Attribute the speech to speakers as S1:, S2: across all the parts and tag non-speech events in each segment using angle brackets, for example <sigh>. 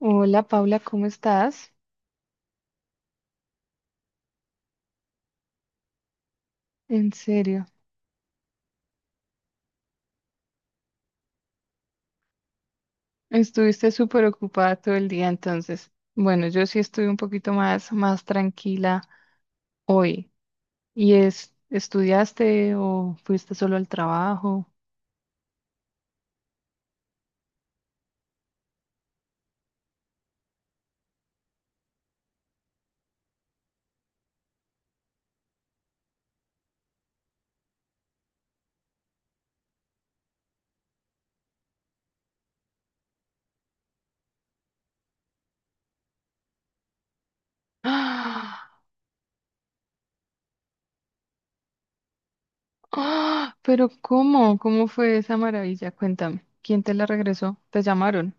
S1: Hola Paula, ¿cómo estás? En serio, estuviste súper ocupada todo el día entonces. Bueno, yo sí estuve un poquito más, más tranquila hoy. ¿Y estudiaste o fuiste solo al trabajo? ¡Ah! ¡Ah! Pero ¿cómo? ¿Cómo fue esa maravilla? Cuéntame. ¿Quién te la regresó? ¿Te llamaron?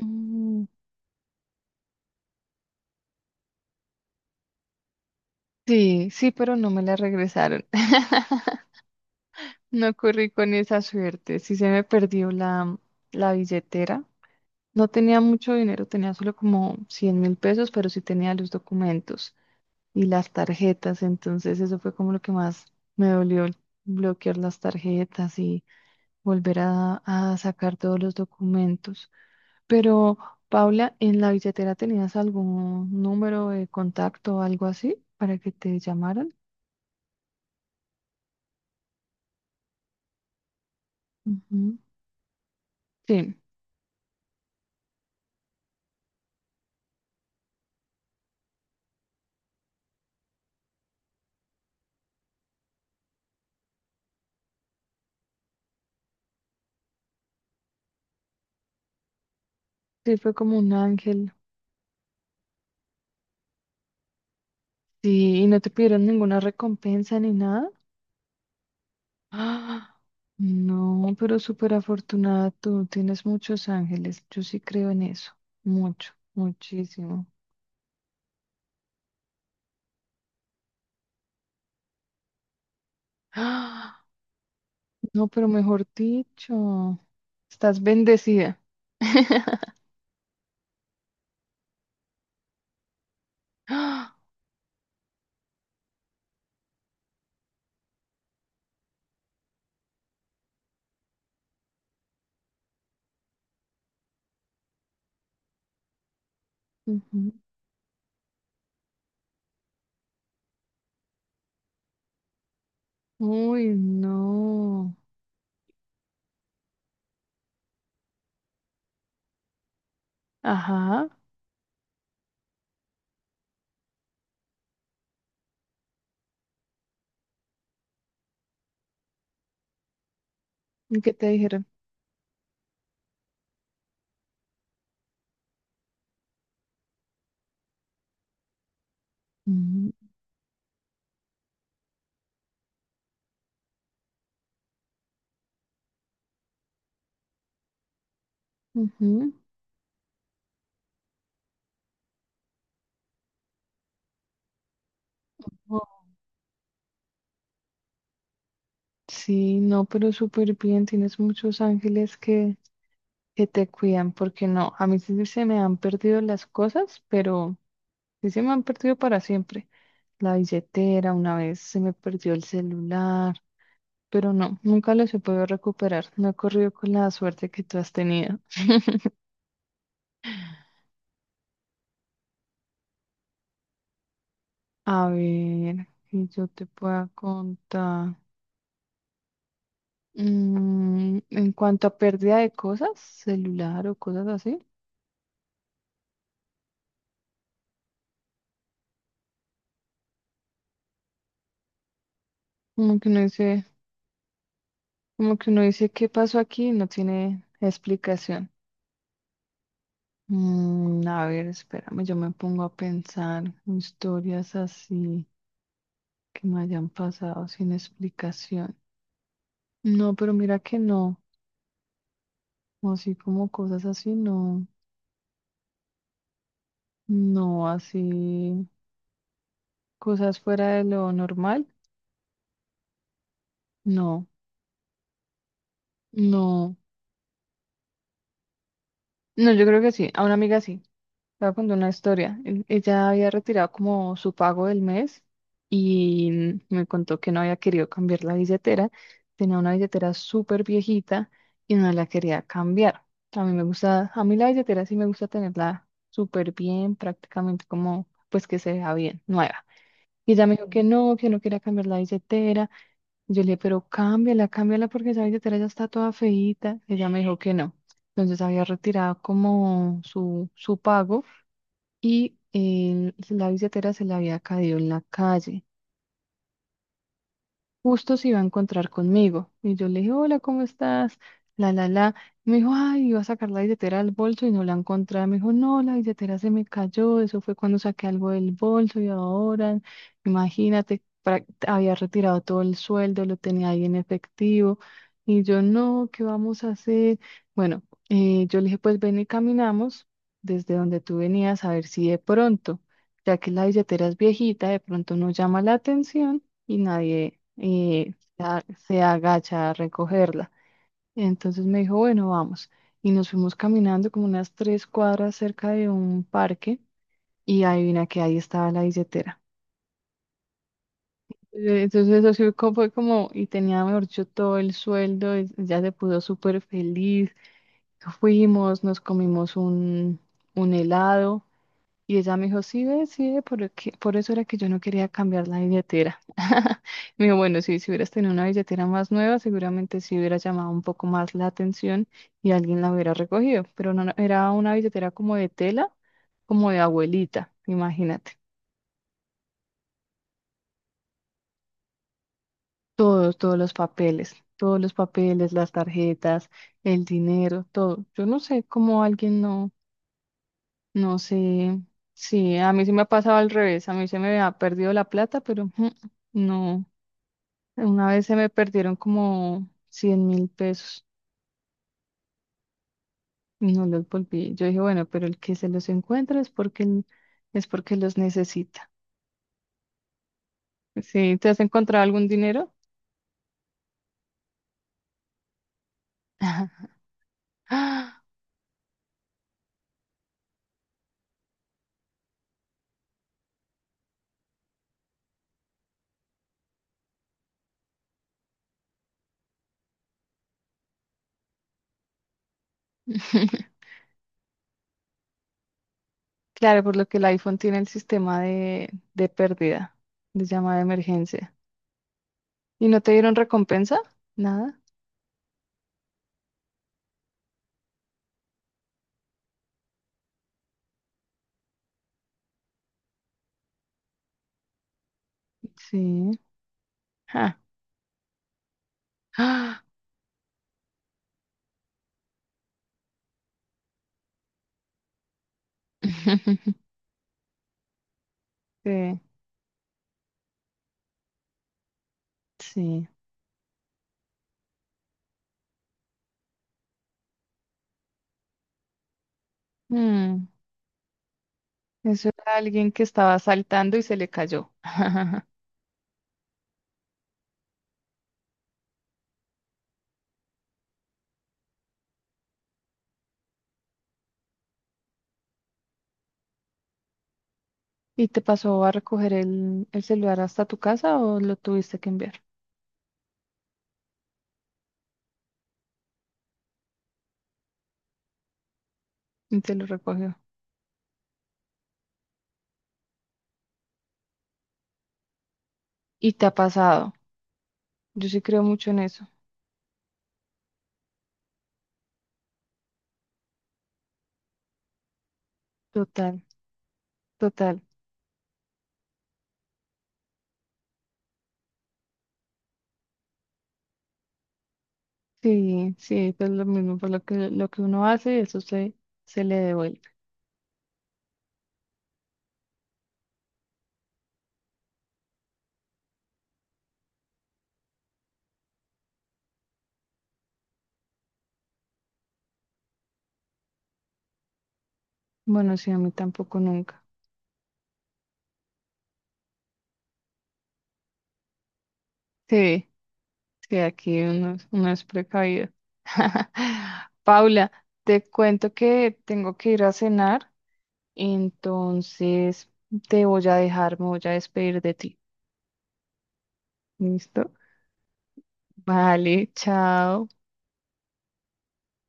S1: Mm, sí, sí, pero no me la regresaron. <laughs> No corrí con esa suerte. Sí se me perdió la billetera. No tenía mucho dinero, tenía solo como 100.000 pesos, pero sí tenía los documentos y las tarjetas. Entonces eso fue como lo que más me dolió, el bloquear las tarjetas y volver a sacar todos los documentos. Pero, Paula, ¿en la billetera tenías algún número de contacto o algo así para que te llamaran? Ujú. Sí, sí, fue como un ángel. Sí, y no te pidieron ninguna recompensa ni nada. ¡Ah! No, pero súper afortunada tú, tienes muchos ángeles, yo sí creo en eso, mucho, muchísimo. ¡Ah! No, pero mejor dicho, estás bendecida. ¡Ah! Ujú. Uy, no. Ajá, ¿y qué te dijeron? Ujú, ujú. Oh, sí, no, pero súper bien, tienes muchos ángeles que te cuidan, porque no, a mí sí se me han perdido las cosas, pero... Sí, se me han perdido para siempre. La billetera, una vez se me perdió el celular, pero no, nunca los he podido recuperar. No he corrido con la suerte que tú has tenido. A ver, que yo te pueda contar. Mm, en cuanto a pérdida de cosas, celular o cosas así, como que uno dice, como que uno dice qué pasó aquí y no tiene explicación. Mm, a ver, espérame, yo me pongo a pensar historias así, que me hayan pasado sin explicación. No, pero mira que no, así como cosas así, no, no, así cosas fuera de lo normal, no, no, no, yo creo que sí, a una amiga sí. Te voy a contar una historia. Ella había retirado como su pago del mes y me contó que no había querido cambiar la billetera. Tenía una billetera súper viejita y no la quería cambiar. A mí me gusta, a mí la billetera sí me gusta tenerla súper bien, prácticamente como pues que se vea bien, nueva. Y ella me dijo que no quería cambiar la billetera. Y yo le dije, pero cámbiala, cámbiala porque esa billetera ya está toda feíta. Ella me dijo que no. Entonces había retirado como su pago y la billetera se le había caído en la calle, justo se iba a encontrar conmigo. Y yo le dije, hola, ¿cómo estás? La, la, la. Me dijo, ay, iba a sacar la billetera del bolso y no la encontré. Me dijo, no, la billetera se me cayó. Eso fue cuando saqué algo del bolso y ahora, imagínate, había retirado todo el sueldo, lo tenía ahí en efectivo. Y yo, no, ¿qué vamos a hacer? Bueno, yo le dije, pues ven y caminamos desde donde tú venías a ver si de pronto, ya que la billetera es viejita, de pronto no llama la atención y nadie, se agacha a recogerla. Entonces me dijo, bueno, vamos. Y nos fuimos caminando como unas tres cuadras cerca de un parque y adivina que ahí estaba la billetera. Entonces eso sí fue como, y tenía, mejor dicho, todo el sueldo, y ya se puso súper feliz. Fuimos, nos comimos un helado. Y ella me dijo, sí, ve, por, por eso era que yo no quería cambiar la billetera. <laughs> Me dijo, bueno, sí, si hubieras tenido una billetera más nueva, seguramente sí hubiera llamado un poco más la atención y alguien la hubiera recogido, pero no, no, era una billetera como de tela, como de abuelita, imagínate. Todos, todos los papeles, las tarjetas, el dinero, todo. Yo no sé cómo alguien no, no sé, sí, a mí sí me ha pasado al revés, a mí se me ha perdido la plata, pero no. Una vez se me perdieron como 100.000 pesos y no los volví. Yo dije, bueno, pero el que se los encuentra es porque, es porque los necesita. ¿Sí? ¿Te has encontrado algún dinero? <laughs> Ah, <laughs> claro, por lo que el iPhone tiene el sistema de pérdida, de llamada de emergencia. ¿Y no te dieron recompensa? Nada. Sí. Ah. Ah. <laughs> Sí. Sí. Mm. Eso era alguien que estaba saltando y se le cayó. <laughs> ¿Y te pasó a recoger el celular hasta tu casa o lo tuviste que enviar? Y te lo recogió. Y te ha pasado. Yo sí creo mucho en eso. Total, total. Sí, sí, pues lo mismo, por lo que, uno hace, eso se le devuelve. Bueno, sí, a mí tampoco nunca. Sí, sí, aquí uno, uno es precavido. <laughs> Paula, te cuento que tengo que ir a cenar, entonces te voy a dejar, me voy a despedir de ti. ¿Listo? Vale, chao.